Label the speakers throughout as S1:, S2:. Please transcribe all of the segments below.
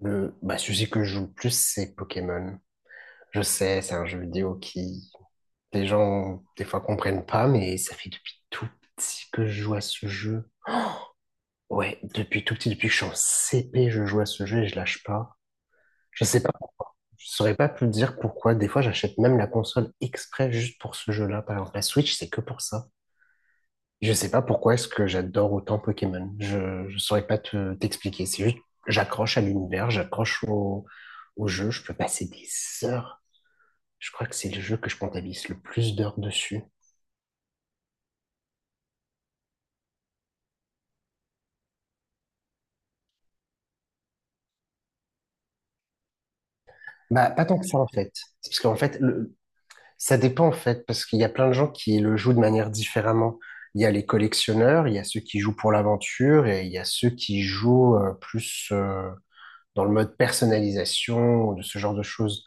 S1: Le sujet que je joue le plus, c'est Pokémon. Je sais, c'est un jeu vidéo qui les gens des fois comprennent pas, mais ça fait depuis tout petit que je joue à ce jeu. Ouais, depuis tout petit, depuis que je suis en CP, je joue à ce jeu et je lâche pas. Je sais pas, je saurais pas plus dire pourquoi. Des fois, j'achète même la console exprès juste pour ce jeu-là. Par exemple, la Switch, c'est que pour ça. Je sais pas pourquoi est-ce que j'adore autant Pokémon. Je saurais pas t'expliquer. C'est juste, j'accroche à l'univers, au jeu. Je peux passer des heures. Je crois que c'est le jeu que je comptabilise le plus d'heures dessus. Bah, pas tant que ça en fait. C'est parce qu'en fait, le- Ça dépend en fait, parce qu'il y a plein de gens qui le jouent de manière différemment. Il y a les collectionneurs, il y a ceux qui jouent pour l'aventure et il y a ceux qui jouent plus dans le mode personnalisation ou de ce genre de choses.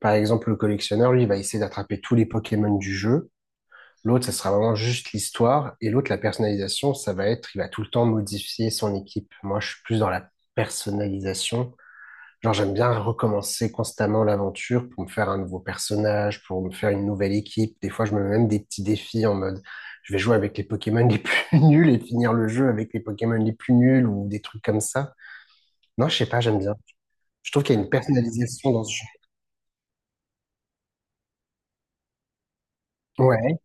S1: Par exemple, le collectionneur, lui, il va essayer d'attraper tous les Pokémon du jeu. L'autre, ça sera vraiment juste l'histoire. Et l'autre, la personnalisation, ça va être, il va tout le temps modifier son équipe. Moi, je suis plus dans la personnalisation. Genre, j'aime bien recommencer constamment l'aventure pour me faire un nouveau personnage, pour me faire une nouvelle équipe. Des fois, je me mets même des petits défis en mode, je vais jouer avec les Pokémon les plus nuls et finir le jeu avec les Pokémon les plus nuls ou des trucs comme ça. Non, je sais pas, j'aime bien. Je trouve qu'il y a une personnalisation dans ce jeu. Ouais,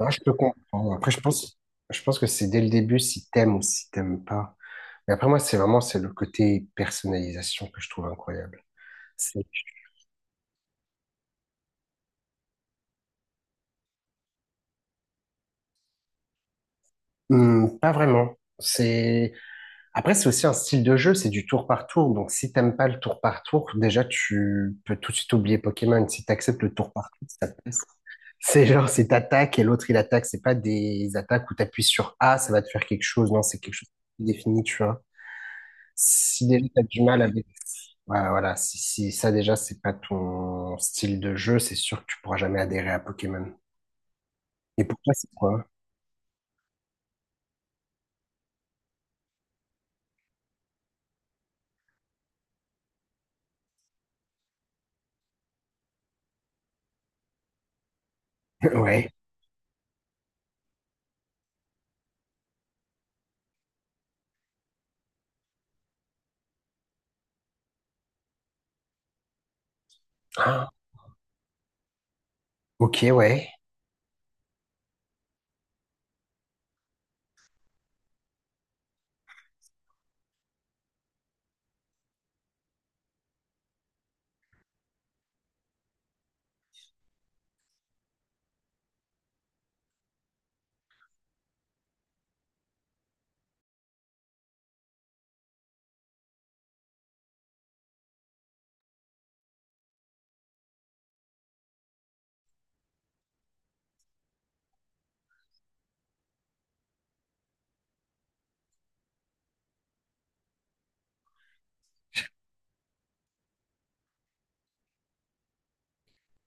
S1: non, je peux comprendre. Après, je pense que c'est dès le début si t'aimes ou si t'aimes pas. Mais après, moi, c'est le côté personnalisation que je trouve incroyable. C'est- Hmm, pas vraiment. C'est Après, c'est aussi un style de jeu, c'est du tour par tour. Donc, si t'aimes pas le tour par tour, déjà, tu peux tout de suite oublier Pokémon. Si t'acceptes le tour par tour, ça te passe. C'est genre, c'est t'attaques et l'autre, il attaque. C'est pas des attaques où t'appuies sur A, ça va te faire quelque chose. Non, c'est quelque chose de défini, tu vois. Si déjà t'as du mal avec... Voilà, voilà. Si ça, déjà, c'est pas ton style de jeu, c'est sûr que tu pourras jamais adhérer à Pokémon. Et pour toi, c'est quoi? Ouais. Ah, ok, ouais.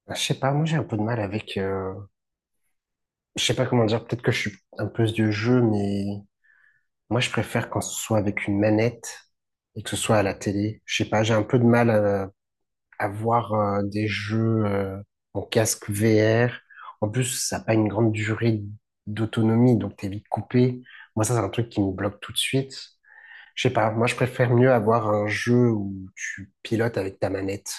S1: Ah, je sais pas, moi, j'ai un peu de mal avec... je sais pas comment dire, peut-être que je suis un peu vieux jeu, mais moi je préfère quand ce soit avec une manette et que ce soit à la télé. Je sais pas, j'ai un peu de mal à voir des jeux en casque VR. En plus, ça n'a pas une grande durée d'autonomie, donc t'es vite coupé. Moi, ça, c'est un truc qui me bloque tout de suite. Je sais pas, moi je préfère mieux avoir un jeu où tu pilotes avec ta manette.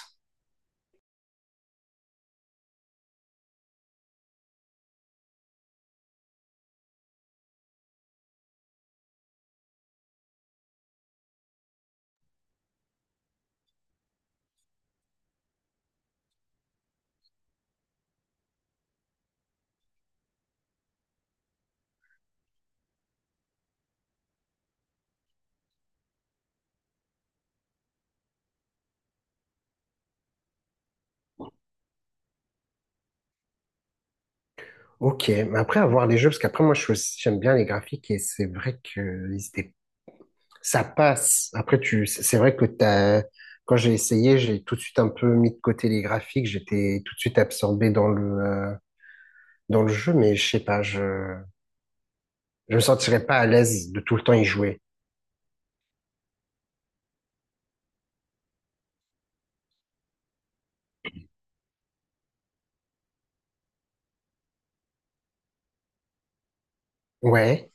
S1: Ok, mais après avoir les jeux, parce qu'après moi je suis aussi- j'aime bien les graphiques et c'est vrai que ils étaient- ça passe. C'est vrai que t'as, quand j'ai essayé, j'ai tout de suite un peu mis de côté les graphiques, j'étais tout de suite absorbé dans dans le jeu, mais je sais pas, je me sentirais pas à l'aise de tout le temps y jouer. Ouais,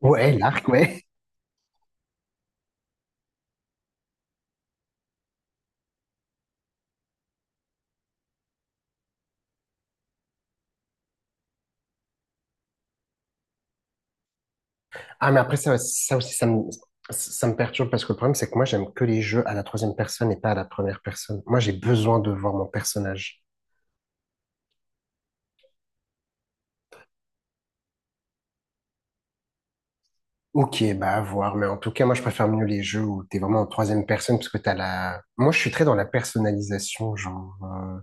S1: ouais, l'arc, ouais. Ah, mais ça aussi, ça me perturbe parce que le problème, c'est que moi, j'aime que les jeux à la troisième personne et pas à la première personne. Moi, j'ai besoin de voir mon personnage. Ok, bah à voir, mais en tout cas, moi, je préfère mieux les jeux où t'es vraiment en troisième personne parce que t'as la. Moi, je suis très dans la personnalisation,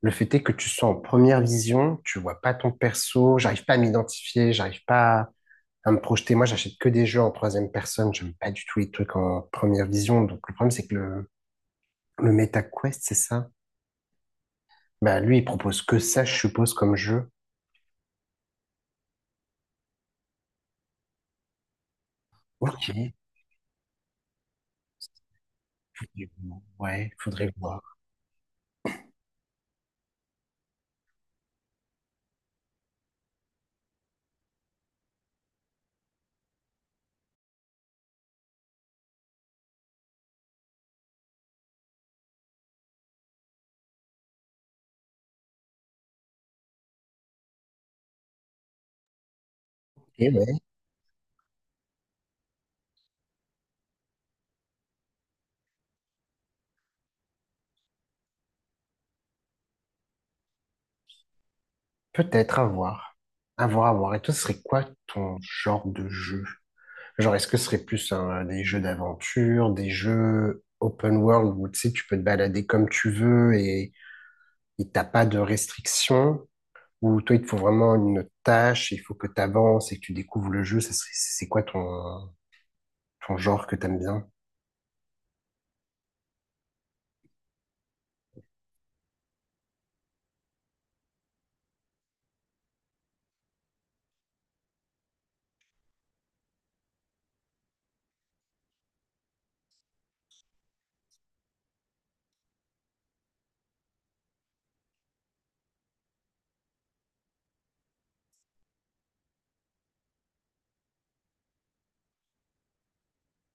S1: le fait est que tu sois en première vision, tu vois pas ton perso, j'arrive pas à m'identifier, j'arrive pas à me projeter. Moi, j'achète que des jeux en troisième personne. J'aime pas du tout les trucs en première vision. Donc, le problème, c'est que le MetaQuest, c'est ça? Bah, lui, il propose que ça, je suppose, comme jeu. Ok. Faudrait voir. Ouais, faudrait voir. Et ouais, peut-être à voir. À voir, à voir. Et toi, ce serait quoi ton genre de jeu? Genre, est-ce que ce serait plus un- des jeux d'aventure, des jeux open world où tu sais, tu peux te balader comme tu veux et t'as pas de restrictions? Ou toi, il te faut vraiment une tâche, il faut que tu avances et que tu découvres le jeu. C'est quoi ton genre que t'aimes bien?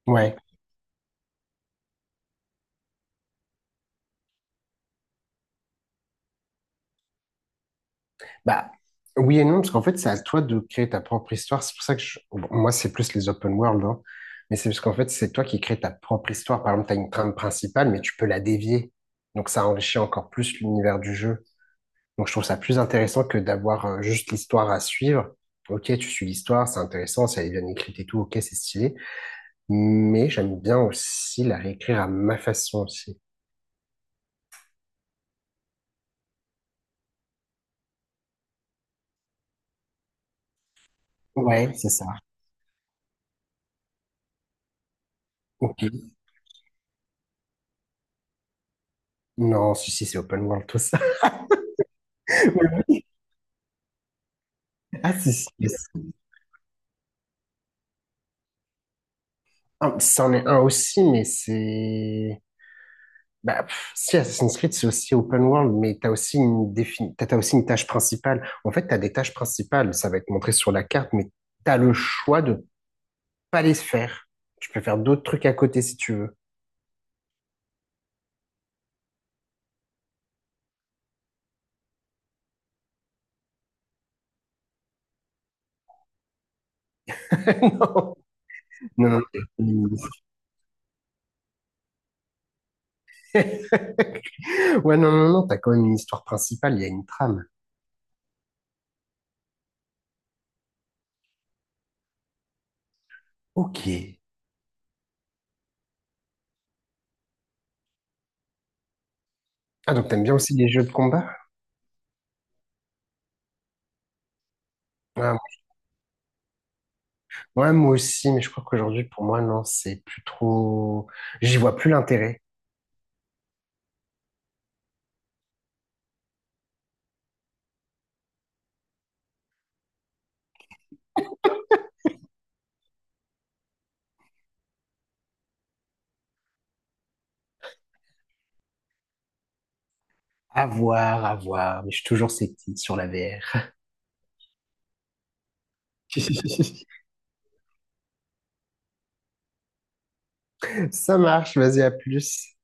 S1: Ouais. Bah, oui et non, parce qu'en fait, c'est à toi de créer ta propre histoire. C'est pour ça que je- bon, moi, c'est plus les open world, hein. Mais c'est parce qu'en fait, c'est toi qui crées ta propre histoire. Par exemple, tu as une trame principale, mais tu peux la dévier. Donc, ça enrichit encore plus l'univers du jeu. Donc, je trouve ça plus intéressant que d'avoir juste l'histoire à suivre. Ok, tu suis l'histoire, c'est intéressant, si elle est bien écrite et tout, ok, c'est stylé. Mais j'aime bien aussi la réécrire à ma façon aussi. Ouais, c'est ça. Ok. Non, si, c'est open world, tout ça. Ah, si. Yes. Ah, c'en est un aussi, mais c'est... Bah, pff, si Assassin's Creed, c'est aussi open world, mais t'as aussi une tâche principale. En fait, t'as des tâches principales, ça va être montré sur la carte, mais t'as le choix de pas les faire. Tu peux faire d'autres trucs à côté si tu veux. Non, non, non. Ouais, non, t'as quand même une histoire principale, il y a une trame. Ok. Ah, donc t'aimes bien aussi les jeux de combat? Ouais, ouais, moi aussi, mais je crois qu'aujourd'hui, pour moi, non, c'est plus trop... J'y vois plus l'intérêt. À voir, à voir. Mais je suis toujours sceptique sur la VR. Ça marche, vas-y, à plus.